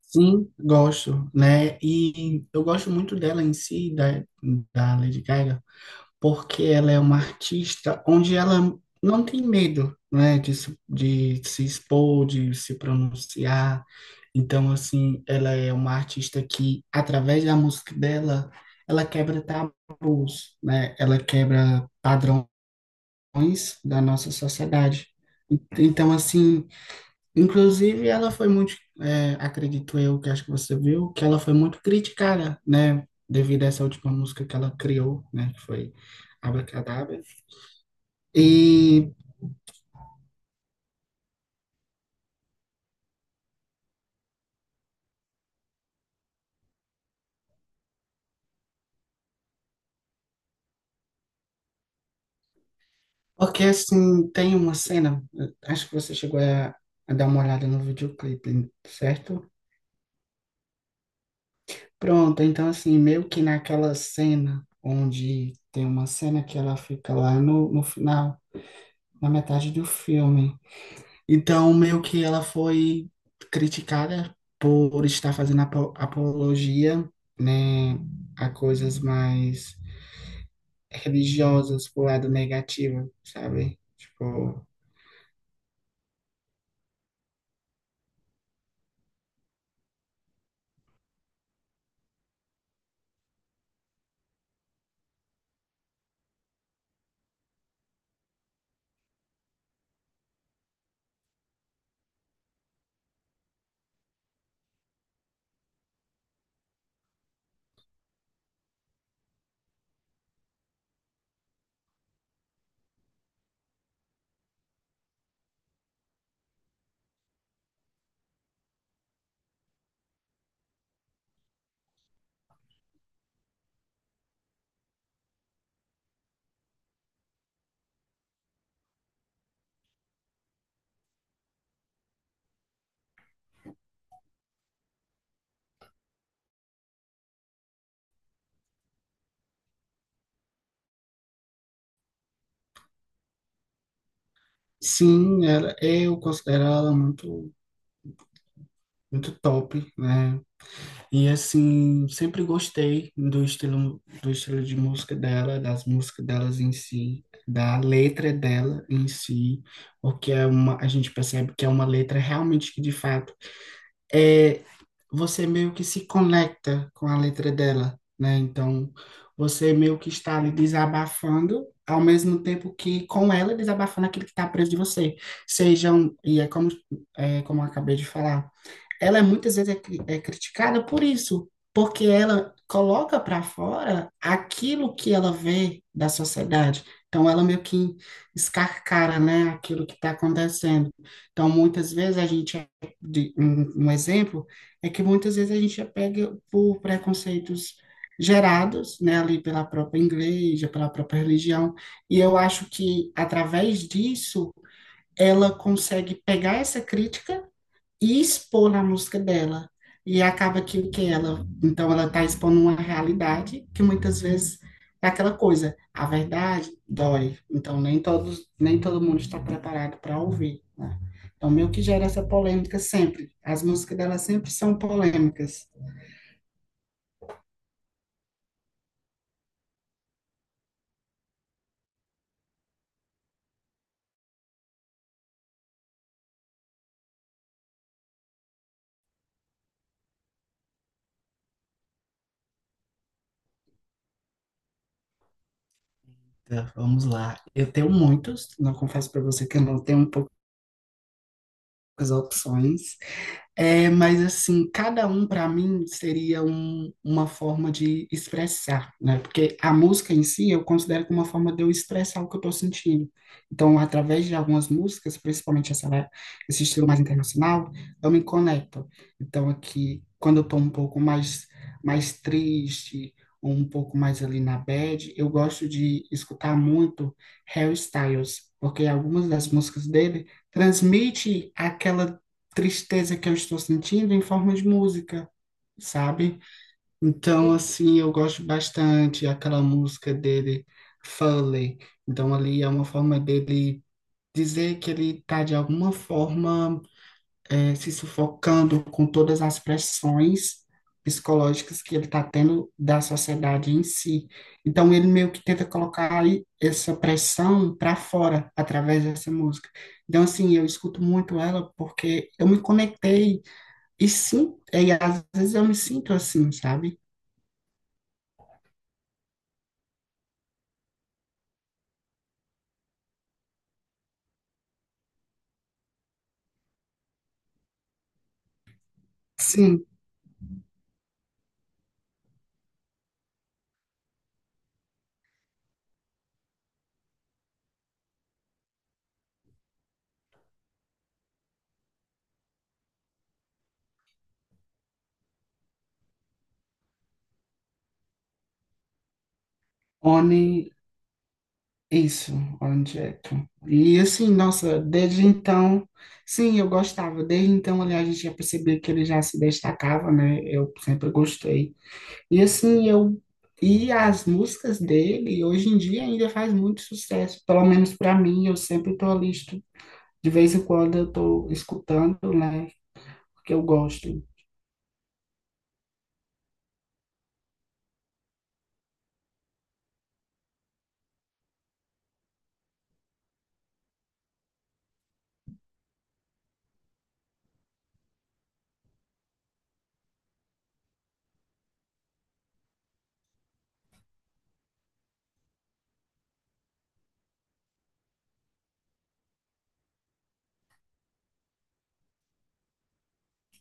Sim, gosto, né? E eu gosto muito dela em si, da, da Lady Gaga, porque ela é uma artista onde ela não tem medo, né, de, de se expor, de se pronunciar. Então, assim, ela é uma artista que, através da música dela, ela quebra tabus, né? Ela quebra padrões da nossa sociedade. Então, assim. Inclusive, ela foi muito, acredito eu, que acho que você viu, que ela foi muito criticada, né, devido a essa última música que ela criou, né, que foi Abracadabra. E porque, assim, tem uma cena, acho que você chegou a dar uma olhada no videoclipe, certo? Pronto, então, assim, meio que naquela cena onde tem uma cena que ela fica lá no final, na metade do filme. Então, meio que ela foi criticada por estar fazendo apologia, né, a coisas mais religiosas pro lado negativo, sabe? Tipo, sim, ela, eu considero ela muito top, né? E assim, sempre gostei do estilo de música dela, das músicas delas em si, da letra dela em si, porque é uma, a gente percebe que é uma letra realmente que de fato é, você meio que se conecta com a letra dela, né? Então, você meio que está ali desabafando, ao mesmo tempo que com ela desabafando aquilo que está preso de você. Sejam, e é como eu acabei de falar, ela é muitas vezes é criticada por isso, porque ela coloca para fora aquilo que ela vê da sociedade. Então, ela meio que escarcara, né, aquilo que está acontecendo. Então, muitas vezes a gente, um exemplo é que muitas vezes a gente é pega por preconceitos gerados, né, ali pela própria igreja, pela própria religião. E eu acho que através disso ela consegue pegar essa crítica e expor na música dela. E acaba que ela, então ela está expondo uma realidade que muitas vezes é aquela coisa, a verdade dói. Então nem todos, nem todo mundo está preparado para ouvir, né? Então meio que gera essa polêmica sempre. As músicas dela sempre são polêmicas. Tá, vamos lá. Eu tenho muitos, não confesso para você que eu não tenho um pouco poucas opções. É, mas assim, cada um para mim seria uma forma de expressar, né? Porque a música em si eu considero como uma forma de eu expressar o que eu estou sentindo. Então, através de algumas músicas, principalmente essa, né, esse estilo mais internacional, eu me conecto. Então, aqui, quando eu estou um pouco mais, mais triste, ou um pouco mais ali na bad, eu gosto de escutar muito Harry Styles, porque algumas das músicas dele transmite aquela tristeza que eu estou sentindo em forma de música, sabe? Então, assim, eu gosto bastante aquela música dele, Foley. Então, ali é uma forma dele dizer que ele está, de alguma forma, se sufocando com todas as pressões psicológicas que ele está tendo da sociedade em si. Então, ele meio que tenta colocar aí essa pressão para fora através dessa música. Então, assim, eu escuto muito ela porque eu me conectei e sim, e às vezes eu me sinto assim, sabe? Sim, Oni, isso, Oni direto. E assim, nossa, desde então, sim, eu gostava. Desde então, aliás, a gente já percebia que ele já se destacava, né? Eu sempre gostei. E assim, eu. E as músicas dele, hoje em dia, ainda faz muito sucesso. Pelo menos para mim, eu sempre tô ali, de vez em quando eu tô escutando, né? Porque eu gosto.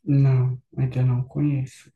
Não, ainda não conheço.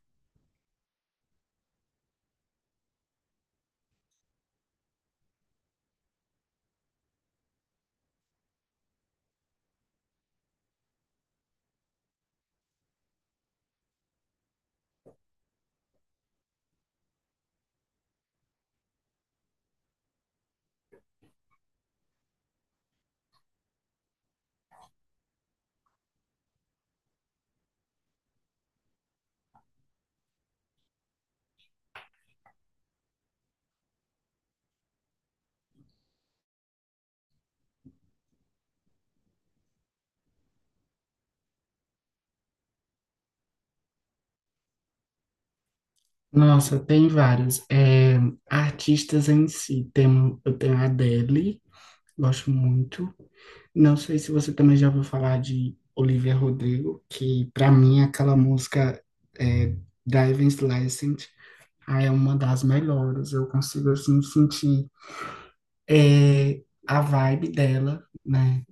Nossa, tem vários. É, artistas em si, tem, um, eu tenho a Adele, gosto muito. Não sei se você também já ouviu falar de Olivia Rodrigo, que para mim é aquela música é, Driving License, ah, é uma das melhores. Eu consigo assim sentir, a vibe dela, né?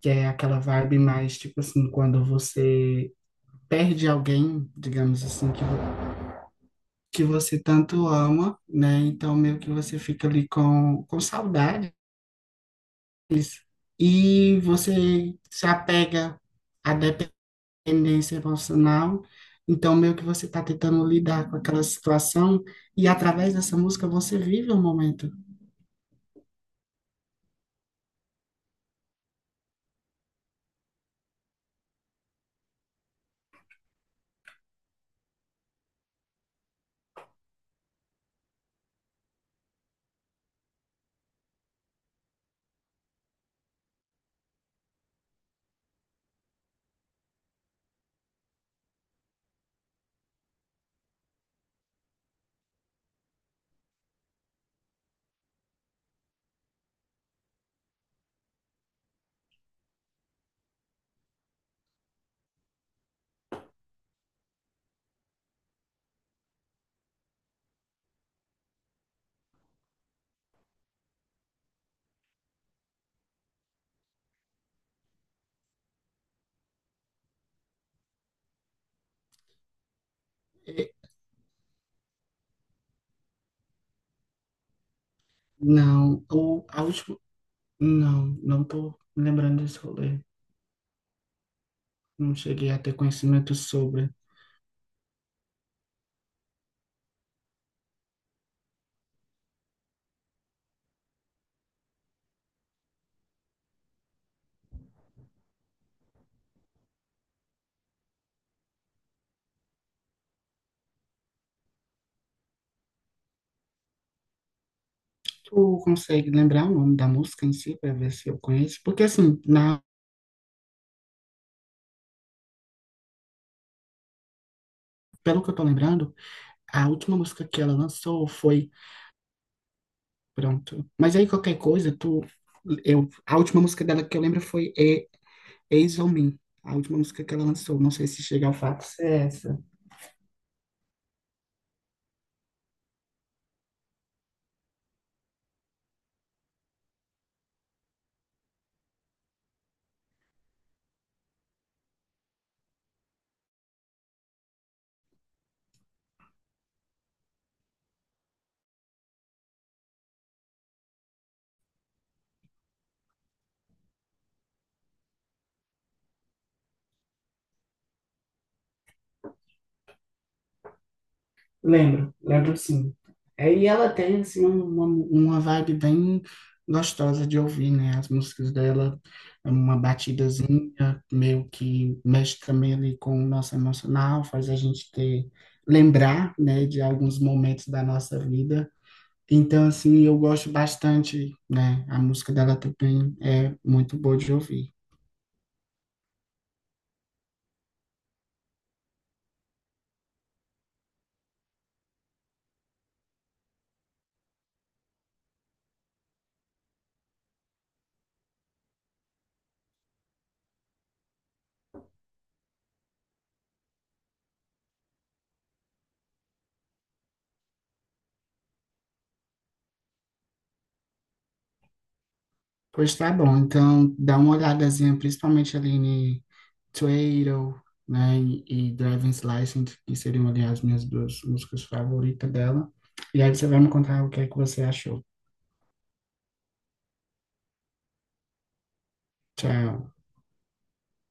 Que é aquela vibe mais tipo assim, quando você perde alguém, digamos assim, que você tanto ama, né? Então, meio que você fica ali com saudades e você se apega à dependência emocional. Então, meio que você está tentando lidar com aquela situação e através dessa música você vive o momento. E- não, ou a última. Não, não tô me lembrando desse rolê. Não cheguei a ter conhecimento sobre. Tu consegue lembrar o nome da música em si, para ver se eu conheço? Porque, assim, na, pelo que eu tô lembrando. A última música que ela lançou foi. Pronto. Mas aí qualquer coisa, tu. Eu, a última música dela que eu lembro foi E- Eyes on Me. A última música que ela lançou. Não sei se chega ao fato. Se é essa. Lembro, lembro sim. É, e ela tem, assim, uma vibe bem gostosa de ouvir, né? As músicas dela, é uma batidazinha, meio que mexe também ali com o nosso emocional, faz a gente ter, lembrar, né, de alguns momentos da nossa vida. Então, assim, eu gosto bastante, né? A música dela também é muito boa de ouvir. Pois tá bom, então dá uma olhadazinha, principalmente ali em Twiddle, né? E Driver's License, que seriam ali as minhas duas músicas favoritas dela. E aí você vai me contar o que é que você achou. Tchau.